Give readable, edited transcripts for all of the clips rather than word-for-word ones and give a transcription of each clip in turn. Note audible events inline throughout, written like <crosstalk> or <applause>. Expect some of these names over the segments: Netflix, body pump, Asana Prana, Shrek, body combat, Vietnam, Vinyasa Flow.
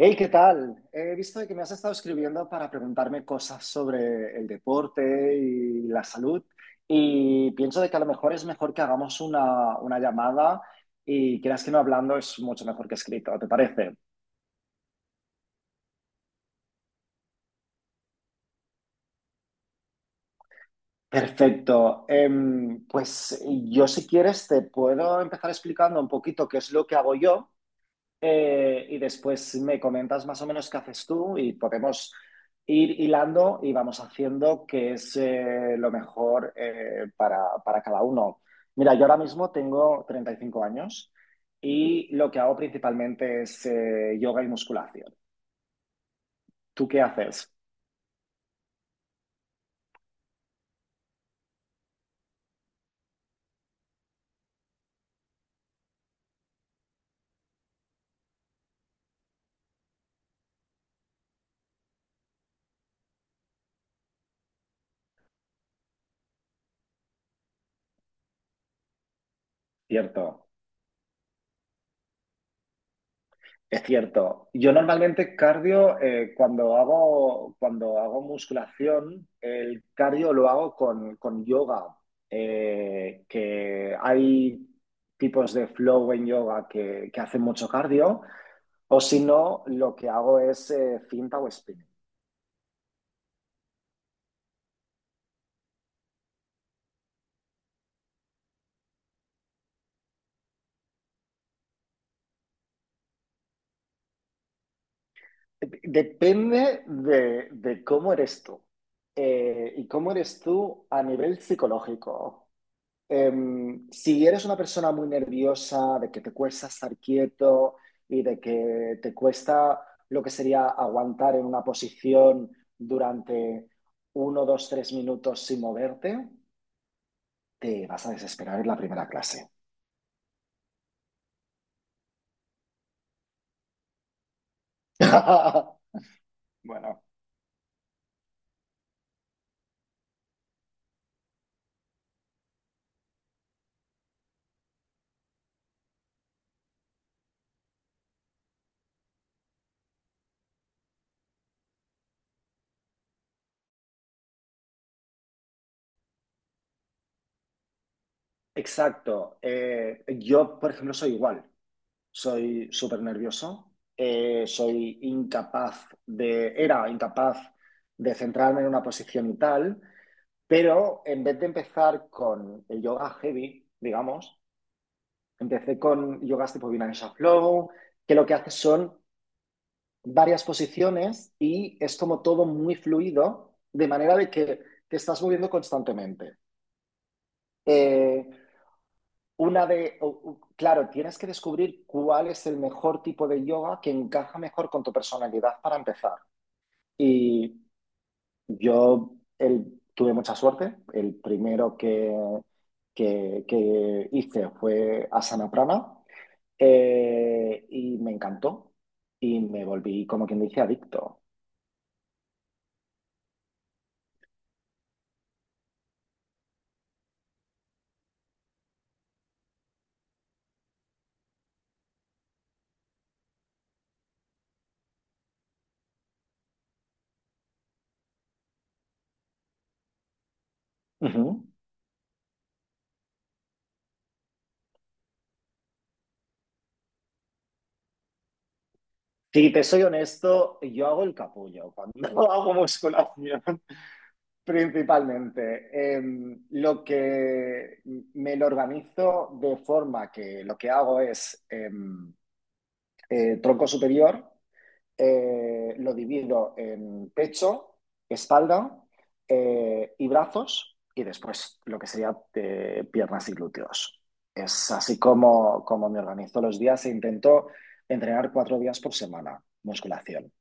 Hey, ¿qué tal? He visto de que me has estado escribiendo para preguntarme cosas sobre el deporte y la salud, y pienso de que a lo mejor es mejor que hagamos una llamada y creas que no hablando es mucho mejor que escrito, ¿te parece? Perfecto. Pues yo si quieres te puedo empezar explicando un poquito qué es lo que hago yo, y después me comentas más o menos qué haces tú y podemos ir hilando y vamos haciendo qué es lo mejor para cada uno. Mira, yo ahora mismo tengo 35 años y lo que hago principalmente es yoga y musculación. ¿Tú qué haces? Cierto. Es cierto. Yo normalmente cardio, cuando hago musculación, el cardio lo hago con yoga, que hay tipos de flow en yoga que hacen mucho cardio, o si no, lo que hago es finta o spinning. Depende de cómo eres tú, y cómo eres tú a nivel psicológico. Si eres una persona muy nerviosa, de que te cuesta estar quieto y de que te cuesta lo que sería aguantar en una posición durante 1, 2, 3 minutos sin moverte, te vas a desesperar en la primera clase. <laughs> Bueno. Exacto. Yo, por ejemplo, soy igual. Soy súper nervioso. Soy incapaz de, era incapaz de centrarme en una posición y tal. Pero en vez de empezar con el yoga heavy, digamos, empecé con yogas tipo Vinyasa Flow, que lo que hace son varias posiciones y es como todo muy fluido, de manera de que te estás moviendo constantemente. Eh, una de, claro, tienes que descubrir cuál es el mejor tipo de yoga que encaja mejor con tu personalidad para empezar. Y yo tuve mucha suerte. El primero que hice fue Asana Prana, y me encantó y me volví, como quien dice, adicto. Ujú. Si te soy honesto, yo hago el capullo cuando <laughs> hago musculación, principalmente. Lo que, me lo organizo de forma que lo que hago es tronco superior. Lo divido en pecho, espalda, y brazos y después lo que sería piernas y glúteos. Es así como me organizo los días e intento entrenar 4 días por semana musculación.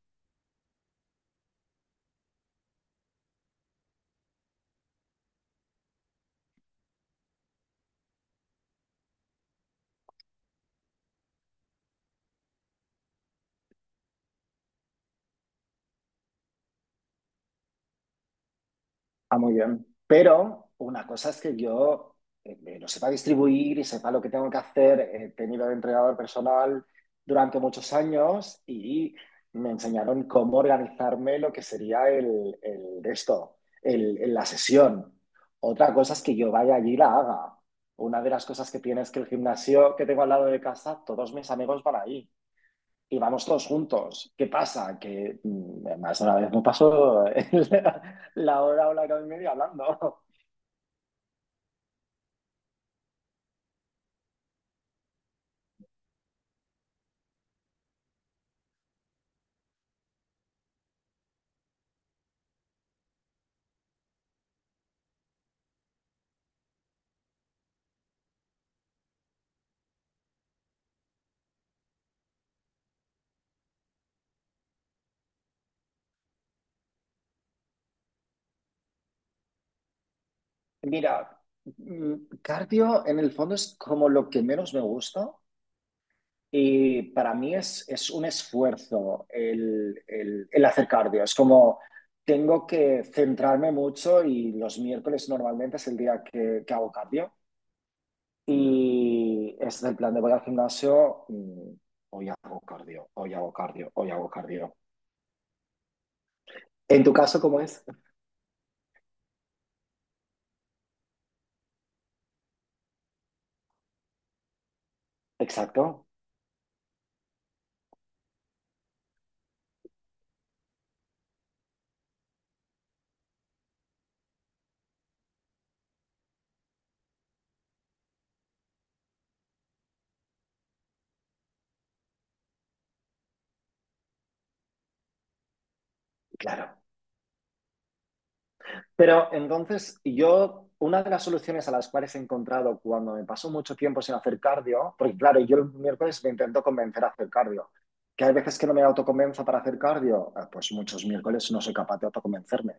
Ah, muy bien. Pero una cosa es que yo, lo sepa distribuir y sepa lo que tengo que hacer. He tenido de entrenador personal durante muchos años y me enseñaron cómo organizarme lo que sería el de esto, el- la sesión. Otra cosa es que yo vaya allí y la haga. Una de las cosas que tiene es que el gimnasio que tengo al lado de casa, todos mis amigos van ahí y vamos todos juntos. ¿Qué pasa? Que más de una vez me pasó <laughs> la hora o la hora y media hablando. Mira, cardio en el fondo es como lo que menos me gusta y para mí es un esfuerzo el hacer cardio. Es como tengo que centrarme mucho y los miércoles normalmente es el día que hago cardio y es del plan de voy al gimnasio. Hoy hago cardio, hoy hago cardio, hoy hago cardio. En tu caso, ¿cómo es? Exacto, claro. Pero entonces yo, una de las soluciones a las cuales he encontrado cuando me pasó mucho tiempo sin hacer cardio, porque claro, yo el miércoles me intento convencer a hacer cardio, que hay veces que no me autoconvenzo para hacer cardio, pues muchos miércoles no soy capaz de autoconvencerme.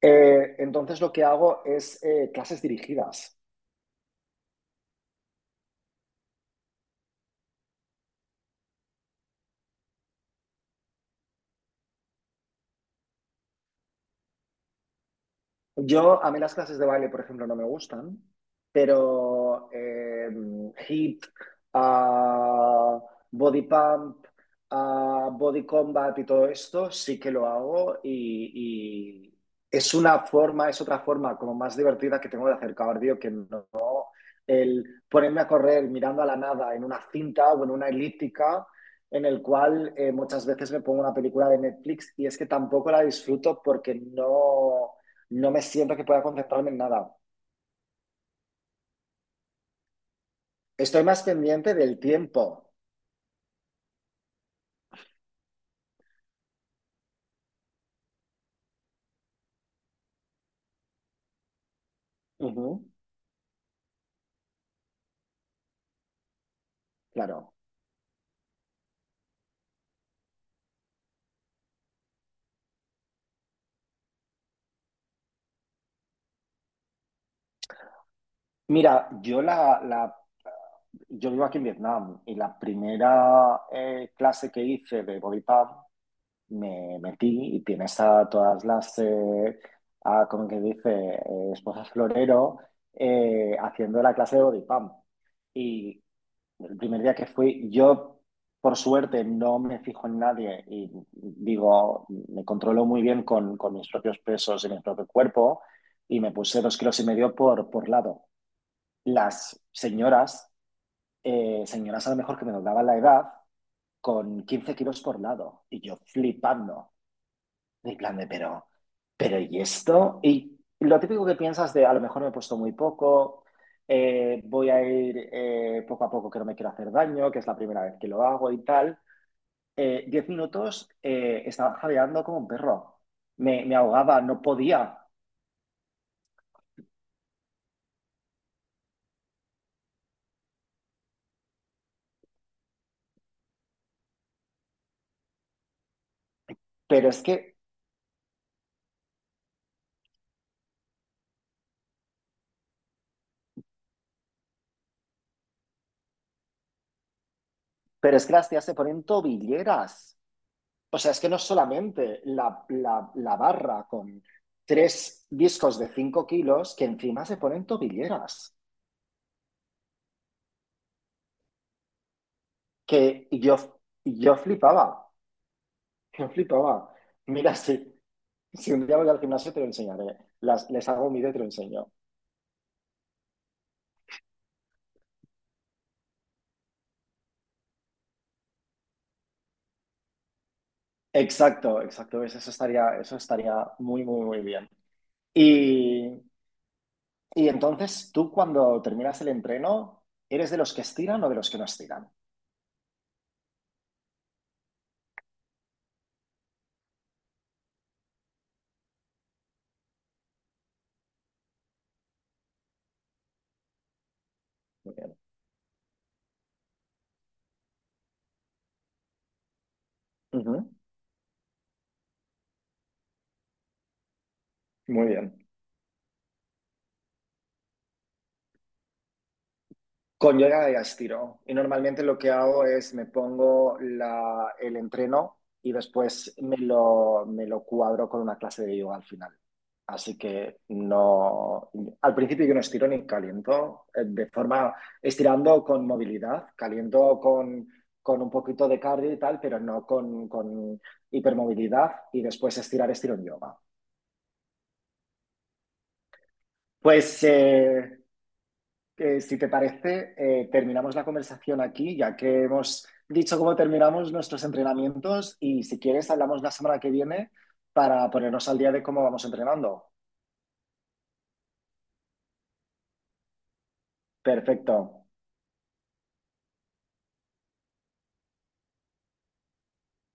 Entonces lo que hago es clases dirigidas. Yo, a mí las clases de baile, por ejemplo, no me gustan, pero hip, ah, body pump, body combat y todo esto sí que lo hago y es una forma, es otra forma como más divertida que tengo de hacer cardio que no el ponerme a correr mirando a la nada en una cinta o en una elíptica en el cual muchas veces me pongo una película de Netflix y es que tampoco la disfruto porque no, no me siento que pueda concentrarme en nada. Estoy más pendiente del tiempo. Ujú. Claro. Mira, yo yo vivo aquí en Vietnam y la primera clase que hice de body pump me metí y tienes a todas las, como que dice, esposas florero haciendo la clase de body pump. Y el primer día que fui, yo por suerte no me fijo en nadie y digo, me controlo muy bien con mis propios pesos y mi propio cuerpo y me puse 2,5 kilos por lado. Las señoras, señoras a lo mejor que me doblaban la edad, con 15 kilos por lado y yo flipando. En plan de, pero ¿y esto? Y lo típico que piensas de, a lo mejor me he puesto muy poco, voy a ir poco a poco que no me quiero hacer daño, que es la primera vez que lo hago y tal. 10 minutos estaba jadeando como un perro. Me ahogaba, no podía. Pero es que, pero es que las tías se ponen tobilleras. O sea, es que no solamente la barra con 3 discos de 5 kilos, que encima se ponen tobilleras. Que yo flipaba, yo flipaba. Mira, si un día voy al gimnasio te lo enseñaré, les hago un vídeo y te lo enseño. Exacto, exacto, ¿ves? Eso estaría muy, muy, muy bien. Y, y entonces, tú cuando terminas el entreno, ¿eres de los que estiran o de los que no estiran? Muy bien. Ujú. Muy bien. Con yoga de gastiro. Y normalmente lo que hago es me pongo el entreno y después me lo cuadro con una clase de yoga al final. Así que no, al principio yo no estiro ni caliento, de forma estirando con movilidad, caliento con un poquito de cardio y tal, pero no con hipermovilidad y después estirar estiro en yoga. Pues que si te parece, terminamos la conversación aquí, ya que hemos dicho cómo terminamos nuestros entrenamientos y si quieres, hablamos la semana que viene para ponernos al día de cómo vamos entrenando. Perfecto.